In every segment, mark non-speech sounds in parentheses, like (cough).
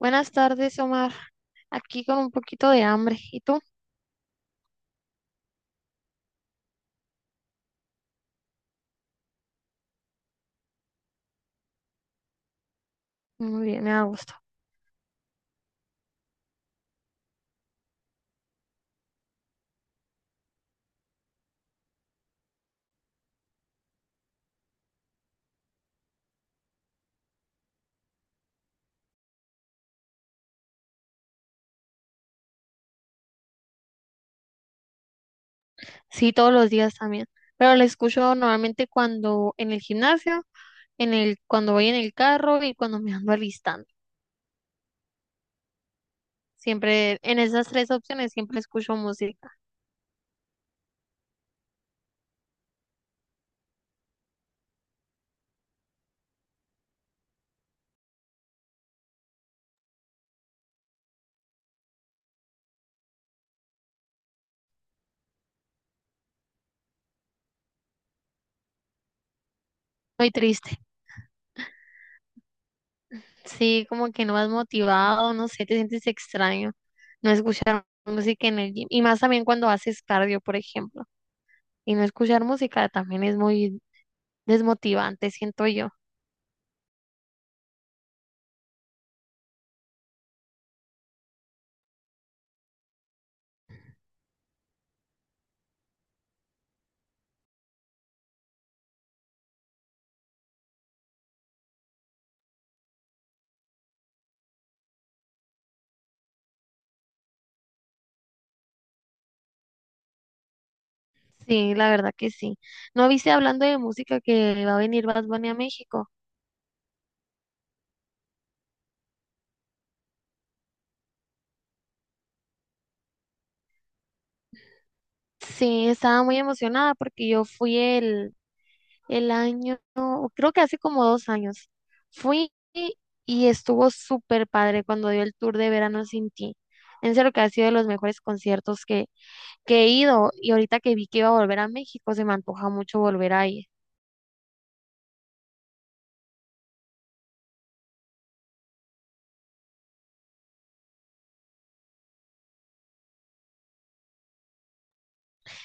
Buenas tardes, Omar. Aquí con un poquito de hambre. ¿Y tú? Muy bien, me da gusto. Sí, todos los días también. Pero la escucho normalmente cuando en el gimnasio, cuando voy en el carro y cuando me ando alistando. Siempre, en esas tres opciones siempre escucho música. Muy triste. Sí, como que no vas motivado, no sé, te sientes extraño no escuchar música en el gym. Y más también cuando haces cardio, por ejemplo. Y no escuchar música también es muy desmotivante, siento yo. Sí, la verdad que sí. ¿No viste hablando de música que va a venir Bad Bunny a México? Sí, estaba muy emocionada porque yo fui el año, creo que hace como 2 años. Fui y estuvo súper padre cuando dio el tour de Verano Sin Ti. En serio que ha sido de los mejores conciertos que he ido y ahorita que vi que iba a volver a México, se me antoja mucho volver a ir.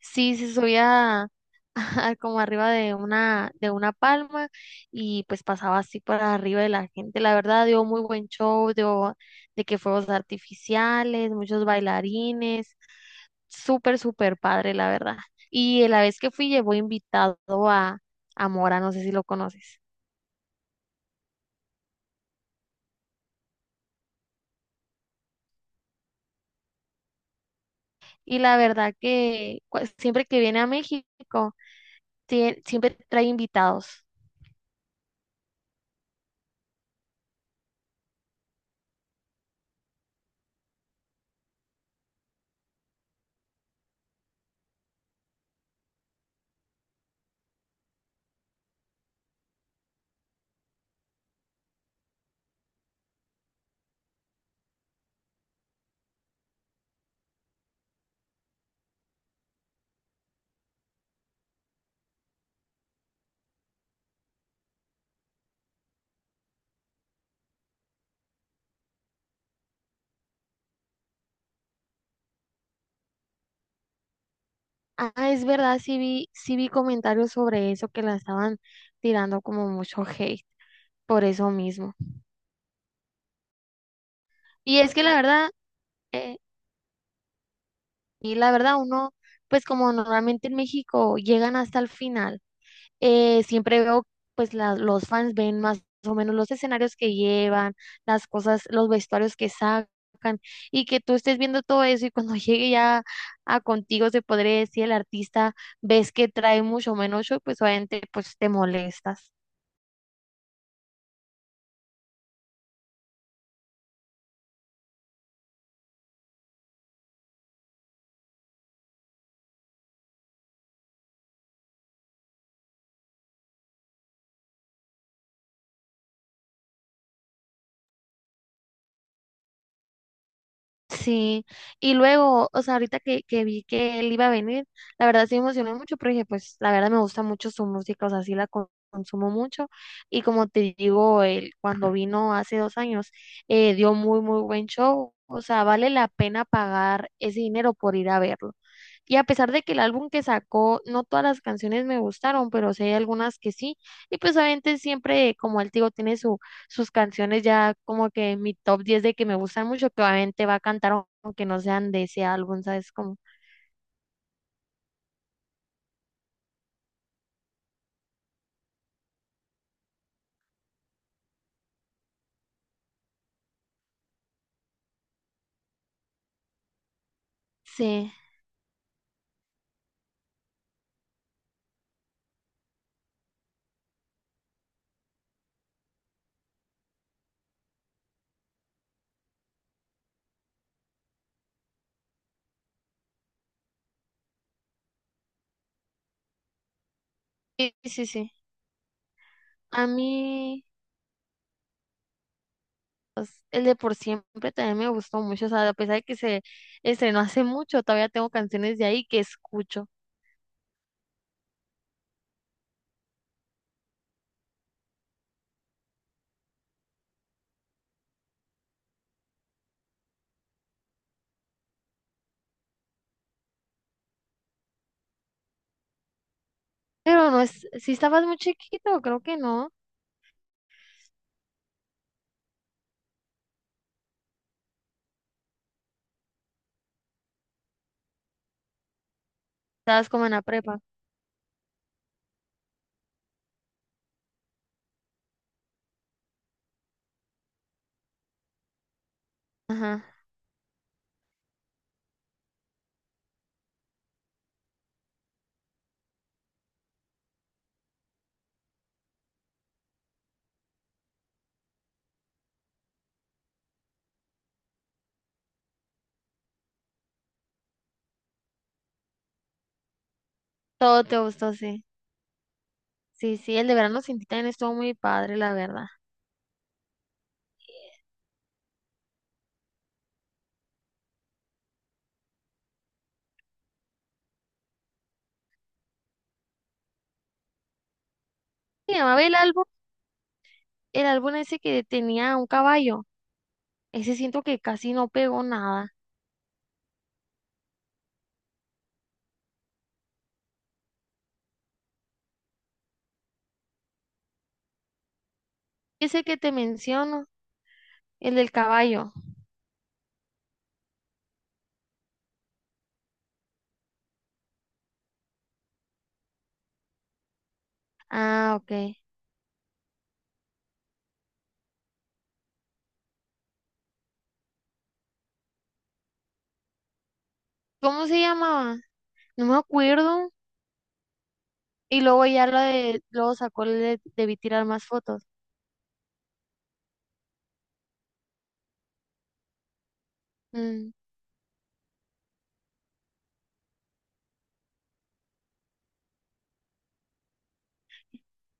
Sí, se subía (laughs) como arriba de una palma y pues pasaba así por arriba de la gente. La verdad dio muy buen show, dio de que fuegos artificiales, muchos bailarines, súper, súper padre, la verdad. Y la vez que fui llevó invitado a, a Mora, no sé si lo conoces. Y la verdad que siempre que viene a México, siempre trae invitados. Ah, es verdad, sí vi comentarios sobre eso que la estaban tirando como mucho hate. Por eso mismo. Y es que la verdad, eh, y la verdad uno, pues como normalmente en México llegan hasta el final, siempre veo, pues los fans ven más o menos los escenarios que llevan, las cosas, los vestuarios que sacan, y que tú estés viendo todo eso y cuando (laughs) llegue ya a contigo, se podría decir, el artista, ves que trae mucho menos show, pues obviamente pues te molestas. Sí, y luego, o sea, ahorita que vi que él iba a venir, la verdad sí me emocioné mucho porque pues la verdad me gusta mucho su música, o sea, sí la consumo mucho y como te digo, él cuando vino hace 2 años dio muy, muy buen show, o sea, vale la pena pagar ese dinero por ir a verlo. Y a pesar de que el álbum que sacó, no todas las canciones me gustaron, pero sí hay algunas que sí, y pues obviamente siempre, como él te digo, tiene su sus canciones ya como que en mi top 10 de que me gustan mucho, que obviamente va a cantar aunque no sean de ese álbum, ¿sabes? Como, sí, sí, sí, sí. A mí, pues, el de Por Siempre también me gustó mucho, o sea, a pesar de que se estrenó hace mucho, todavía tengo canciones de ahí que escucho. Pero no es, si estabas muy chiquito, creo que no, estabas como en la prepa. Ajá, todo te gustó, sí. Sí, sí, el de Verano Sin Ti también estuvo muy padre, la verdad. Se llamaba el álbum ese que tenía un caballo. Ese siento que casi no pegó nada. Ese que te menciono, el del caballo. Ah, ok. ¿Cómo se llamaba? No me acuerdo. Y luego ya la de, luego sacó el de Debí Tirar Más Fotos. Mm.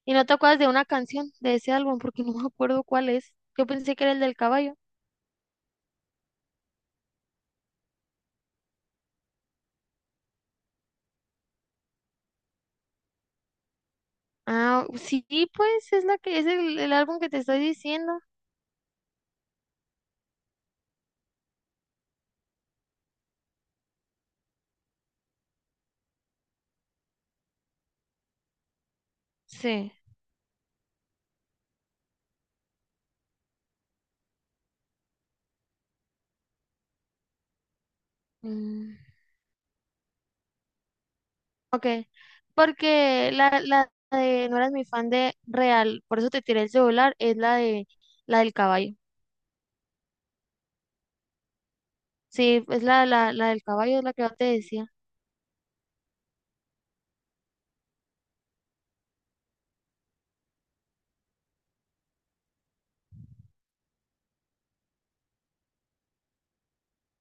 ¿Y no te acuerdas de una canción de ese álbum? Porque (laughs) no me acuerdo cuál es. Yo pensé que era el del caballo. Ah, sí, pues es la que es el álbum que te estoy diciendo. Sí. Mm. Ok, porque la de no eras mi fan de real, por eso te tiré el celular, es la de la del caballo. Sí, es la del caballo, es la que yo te decía.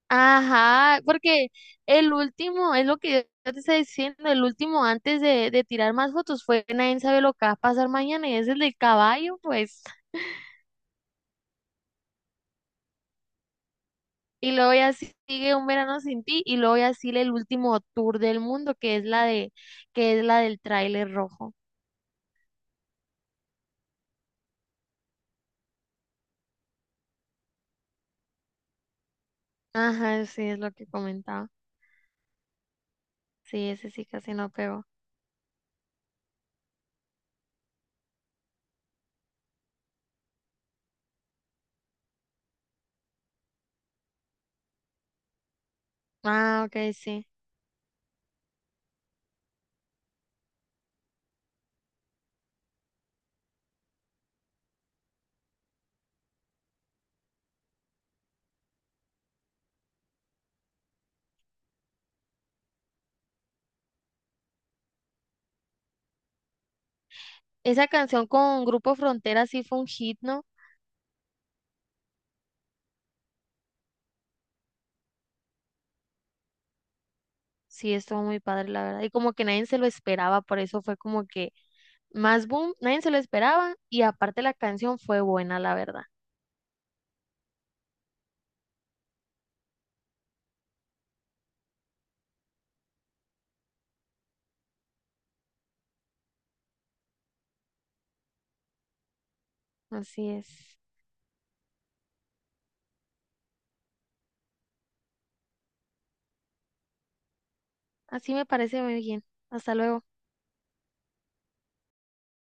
Ajá, porque el último, es lo que yo te estoy diciendo, el último antes de tirar más fotos fue nadie sabe lo que va a pasar mañana y es el del caballo, pues. (laughs) Y luego ya sigue un verano sin ti y luego ya sigue el último tour del mundo que es la de, que es la del tráiler rojo. Ajá, sí, es lo que comentaba. Sí, ese sí casi no pegó. Ah, ok, sí. Esa canción con Grupo Frontera sí fue un hit, ¿no? Sí, estuvo muy padre, la verdad. Y como que nadie se lo esperaba, por eso fue como que más boom, nadie se lo esperaba. Y aparte la canción fue buena, la verdad. Así es. Así me parece muy bien. Hasta luego.